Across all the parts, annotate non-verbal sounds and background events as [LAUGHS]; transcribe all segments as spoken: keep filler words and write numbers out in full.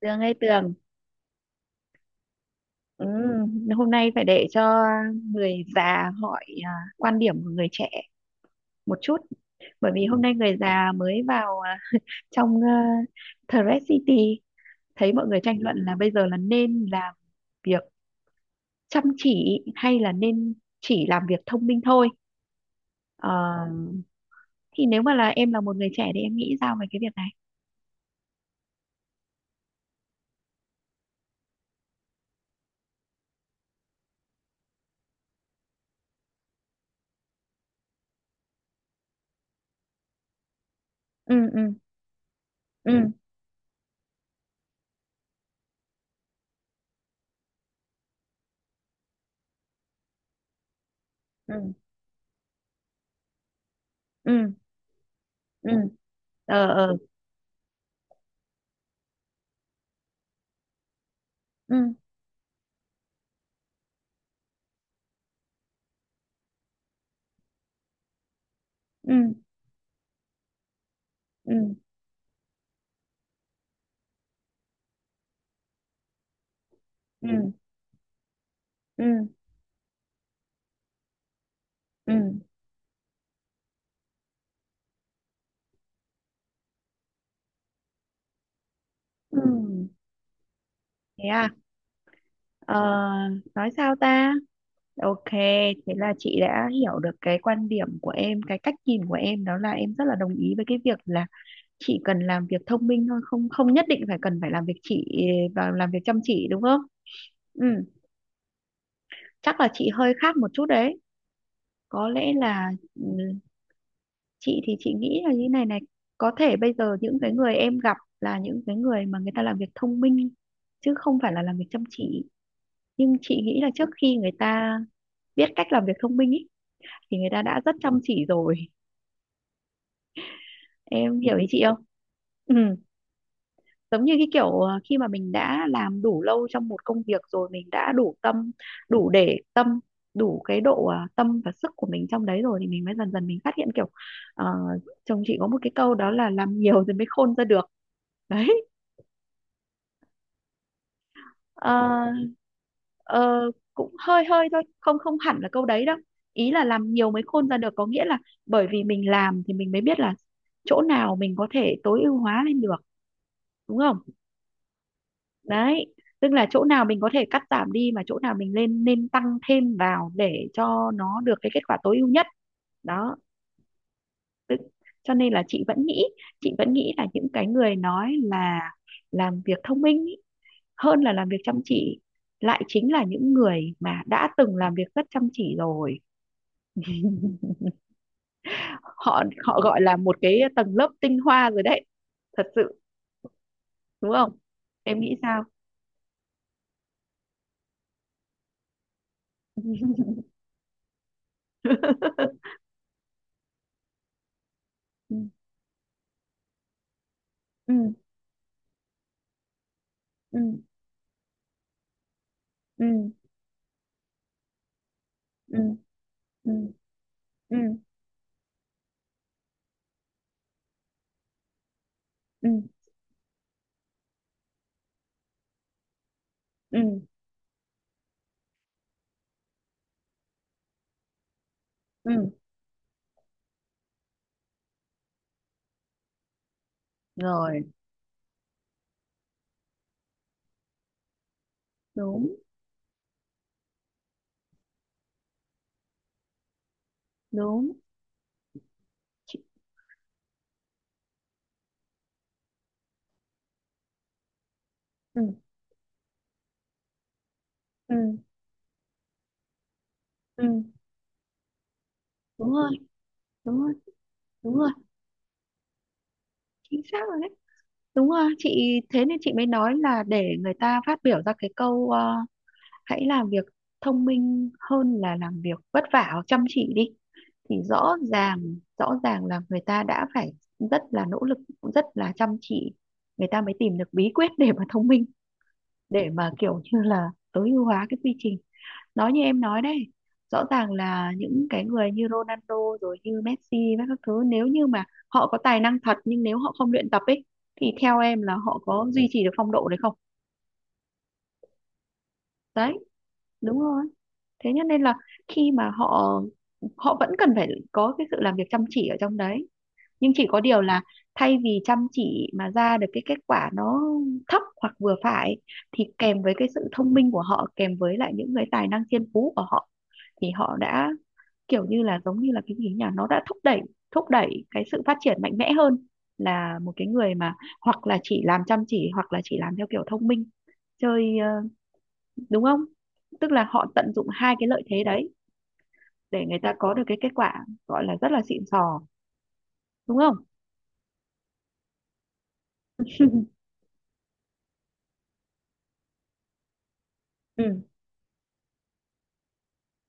Tường ơi Tường, ừ, hôm nay phải để cho người già hỏi, à, quan điểm của người trẻ một chút. Bởi vì hôm nay người già mới vào, à, trong, à, Thread City thấy mọi người tranh luận là bây giờ là nên làm việc chăm chỉ hay là nên chỉ làm việc thông minh thôi. Ờ, thì nếu mà là em là một người trẻ thì em nghĩ sao về cái việc này? Ừ ừ, ừ ừ, ừ ừ, ờ ờ, ừ ừ ừ ừ, ừ ừ, ừ Thế à? ờ, nói sao ta? Ok, thế là chị đã hiểu được cái quan điểm của em, cái cách nhìn của em đó là em rất là đồng ý với cái việc là chị cần làm việc thông minh thôi, không không nhất định phải cần phải làm việc chị và làm việc chăm chỉ đúng không? Ừ, chắc là chị hơi khác một chút đấy. Có lẽ là, ừ, chị thì chị nghĩ là như này này, có thể bây giờ những cái người em gặp là những cái người mà người ta làm việc thông minh chứ không phải là làm việc chăm chỉ, nhưng chị nghĩ là trước khi người ta biết cách làm việc thông minh ý, thì người ta đã rất chăm chỉ rồi. Em hiểu ý chị không? Ừ. Giống như cái kiểu, ờ, khi mà mình đã làm đủ lâu trong một công việc rồi mình đã đủ tâm, đủ để tâm, đủ cái độ, ờ, tâm và sức của mình trong đấy rồi thì mình mới dần dần mình phát hiện kiểu, ờ, chồng chị có một cái câu đó là làm nhiều rồi mới khôn ra được, đấy. Ờ, ờ, Cũng hơi hơi thôi không không hẳn là câu đấy đâu. Ý là làm nhiều mới khôn ra được có nghĩa là bởi vì mình làm thì mình mới biết là chỗ nào mình có thể tối ưu hóa lên được, đúng không? Đấy, tức là chỗ nào mình có thể cắt giảm đi mà chỗ nào mình lên nên tăng thêm vào để cho nó được cái kết quả tối ưu nhất, đó. Tức, cho nên là chị vẫn nghĩ chị vẫn nghĩ là những cái người nói là làm việc thông minh ý, hơn là làm việc chăm chỉ lại chính là những người mà đã từng làm việc rất chăm chỉ rồi. [LAUGHS] họ họ gọi là một cái tầng lớp tinh hoa rồi đấy, thật sự. Đúng không? Em nghĩ sao? [LAUGHS] Ừ ừ, ừ ừ, ừ ừ, ừ ừ, ừ ừ, rồi đúng đúng chị, ừ ừ ừ, đúng rồi, đúng rồi, đúng rồi, chính xác rồi đấy. Đúng rồi chị thế nên chị mới nói là để người ta phát biểu ra cái câu, ờ, hãy làm việc thông minh hơn là làm việc vất vả hoặc chăm chỉ đi, thì rõ ràng rõ ràng là người ta đã phải rất là nỗ lực, rất là chăm chỉ, người ta mới tìm được bí quyết để mà thông minh, để mà kiểu như là tối ưu hóa cái quy trình, nói như em nói đấy. Rõ ràng là những cái người như Ronaldo rồi như Messi và các thứ nếu như mà họ có tài năng thật nhưng nếu họ không luyện tập ấy, thì theo em là họ có duy trì được phong độ đấy không? Đấy, đúng rồi. Thế cho nên là khi mà họ, họ vẫn cần phải có cái sự làm việc chăm chỉ ở trong đấy, nhưng chỉ có điều là thay vì chăm chỉ mà ra được cái kết quả nó thấp hoặc vừa phải thì kèm với cái sự thông minh của họ kèm với lại những cái tài năng thiên phú của họ thì họ đã kiểu như là giống như là cái gì nhỉ, nó đã thúc đẩy thúc đẩy cái sự phát triển mạnh mẽ hơn là một cái người mà hoặc là chỉ làm chăm chỉ hoặc là chỉ làm theo kiểu thông minh chơi, ờ, đúng không? Tức là họ tận dụng hai cái lợi thế đấy để người ta có được cái kết quả gọi là rất là xịn sò, đúng không? [LAUGHS] Ừ,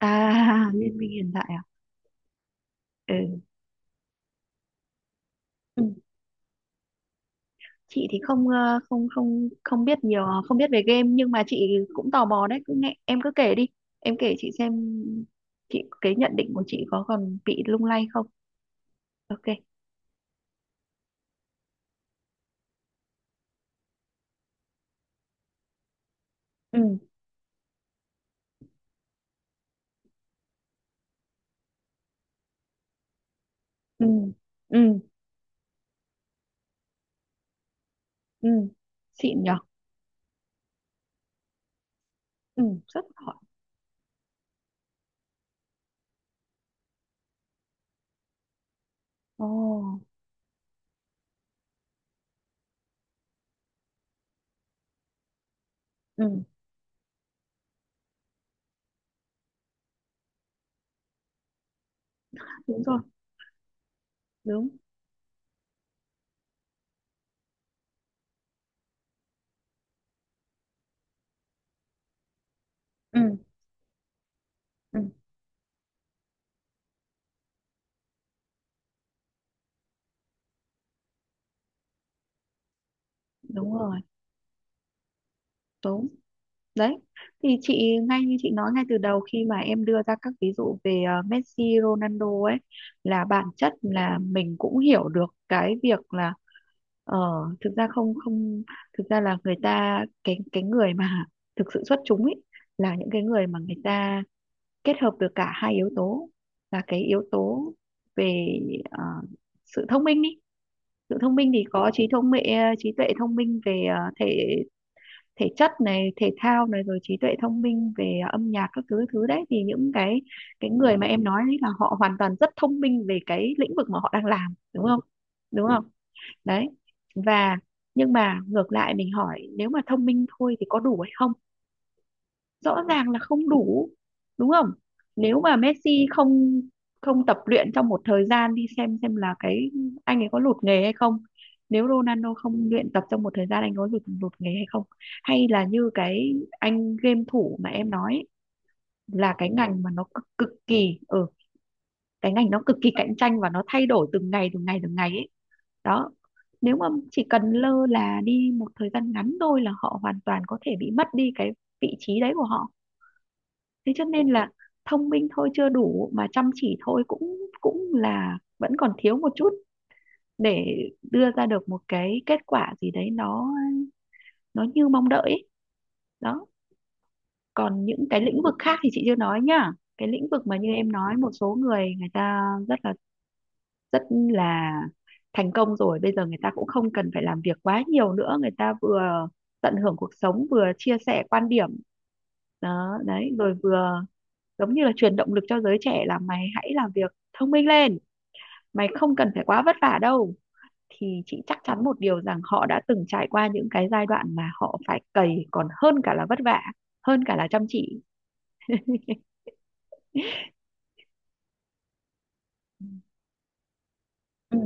à Liên minh hiện tại à. Ừ. Ừ, chị thì không, ờ, không không không biết nhiều, không biết về game nhưng mà chị cũng tò mò đấy, cứ nghe em cứ kể đi, em kể chị xem. Chị cái nhận định của chị có còn bị lung lay không? Ok. Ừ ừ, ừ ừ, xịn nhở. Ừ rất giỏi. Ồ. Ừ đúng rồi. Đúng. Ừ ừ, đúng rồi. Đúng. Đấy, thì chị ngay như chị nói ngay từ đầu khi mà em đưa ra các ví dụ về, ờ, Messi, Ronaldo ấy, là bản chất là mình cũng hiểu được cái việc là, ờ, thực ra không không thực ra là người ta cái cái người mà thực sự xuất chúng ấy là những cái người mà người ta kết hợp được cả hai yếu tố, là cái yếu tố về, ờ, sự thông minh đi. Sự thông minh thì có trí thông minh, trí tuệ thông minh về, ờ, thể thể chất này, thể thao này rồi trí tuệ thông minh về, à, âm nhạc các thứ thứ đấy, thì những cái cái người mà em nói đấy là họ hoàn toàn rất thông minh về cái lĩnh vực mà họ đang làm đúng không? Đúng không? Đấy. Và nhưng mà ngược lại mình hỏi nếu mà thông minh thôi thì có đủ hay không? Rõ ràng là không đủ, đúng không? Nếu mà Messi không không tập luyện trong một thời gian đi xem xem là cái anh ấy có lụt nghề hay không? Nếu Ronaldo không luyện tập trong một thời gian anh có lụt lụt nghề hay không? Hay là như cái anh game thủ mà em nói ấy, là cái ngành mà nó cực, cực kỳ ở, ừ, cái ngành nó cực kỳ cạnh tranh và nó thay đổi từng ngày từng ngày từng ngày ấy, đó. Nếu mà chỉ cần lơ là đi một thời gian ngắn thôi là họ hoàn toàn có thể bị mất đi cái vị trí đấy của họ, thế cho nên là thông minh thôi chưa đủ mà chăm chỉ thôi cũng cũng là vẫn còn thiếu một chút để đưa ra được một cái kết quả gì đấy nó nó như mong đợi ấy. Đó, còn những cái lĩnh vực khác thì chị chưa nói nhá. Cái lĩnh vực mà như em nói một số người người ta rất là rất là thành công rồi bây giờ người ta cũng không cần phải làm việc quá nhiều nữa, người ta vừa tận hưởng cuộc sống vừa chia sẻ quan điểm, đó đấy rồi vừa giống như là truyền động lực cho giới trẻ là mày hãy làm việc thông minh lên, mày không cần phải quá vất vả đâu, thì chị chắc chắn một điều rằng họ đã từng trải qua những cái giai đoạn mà họ phải cày còn hơn cả là vất vả, hơn cả là chăm chỉ. Ừ, ừ,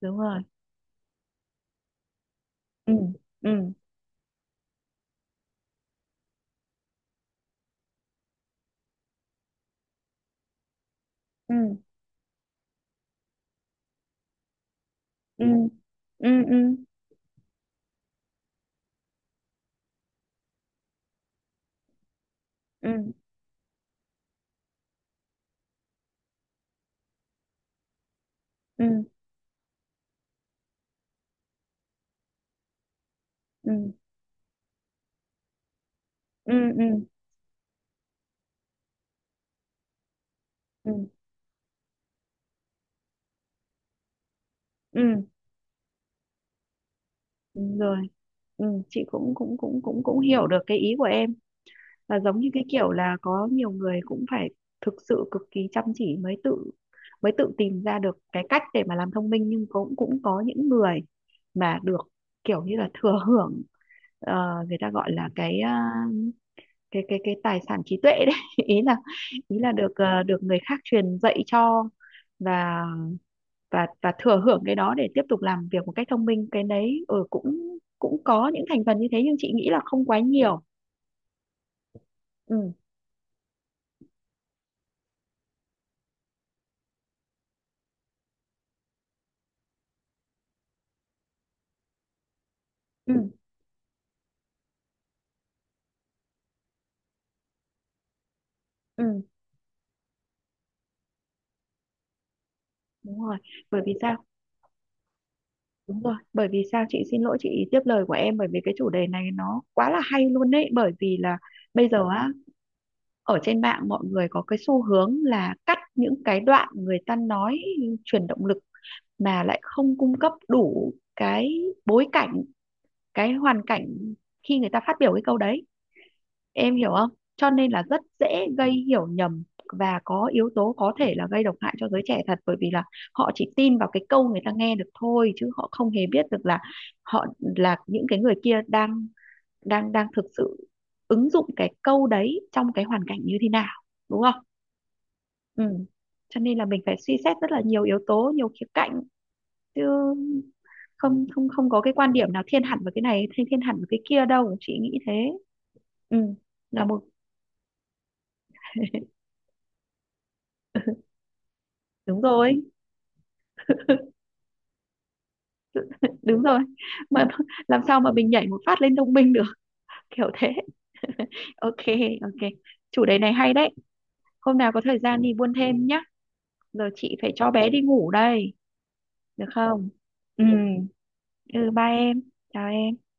đúng rồi. Ừ ừ, ừ ừ, ừ ừ, ừ ừ, ừ ừ, ừ ừ, ừ đúng rồi. Ừ, chị cũng cũng cũng cũng cũng hiểu được cái ý của em là giống như cái kiểu là có nhiều người cũng phải thực sự cực kỳ chăm chỉ mới tự mới tự tìm ra được cái cách để mà làm thông minh, nhưng cũng cũng có những người mà được kiểu như là thừa hưởng, ờ, người ta gọi là cái, ờ, cái cái cái tài sản trí tuệ đấy [LAUGHS] ý là, ý là được, ờ, được người khác truyền dạy cho, và và và thừa hưởng cái đó để tiếp tục làm việc một cách thông minh, cái đấy ừ, cũng cũng có những thành phần như thế nhưng chị nghĩ là không quá nhiều. Ừ ừ, ừ đúng rồi bởi vì sao? Đúng rồi bởi vì sao, chị xin lỗi chị tiếp lời của em bởi vì cái chủ đề này nó quá là hay luôn đấy, bởi vì là bây giờ á, ở trên mạng mọi người có cái xu hướng là cắt những cái đoạn người ta nói truyền động lực mà lại không cung cấp đủ cái bối cảnh, cái hoàn cảnh khi người ta phát biểu cái câu đấy, em hiểu không? Cho nên là rất dễ gây hiểu nhầm và có yếu tố có thể là gây độc hại cho giới trẻ thật, bởi vì là họ chỉ tin vào cái câu người ta nghe được thôi chứ họ không hề biết được là họ là những cái người kia đang đang đang thực sự ứng dụng cái câu đấy trong cái hoàn cảnh như thế nào, đúng không? Ừ. Cho nên là mình phải suy xét rất là nhiều yếu tố, nhiều khía cạnh chứ không, không không có cái quan điểm nào thiên hẳn vào cái này thiên thiên hẳn vào cái kia đâu, chị nghĩ thế. Ừ. Là một, đúng rồi, đúng rồi. [LAUGHS] Mà làm sao mà mình nhảy một phát lên thông minh được, kiểu thế. [LAUGHS] Ok, ok, chủ đề này hay đấy, hôm nào có thời gian đi buôn thêm nhá. Giờ chị phải cho bé đi ngủ đây, được không? Ừ, ừ bye em, chào em.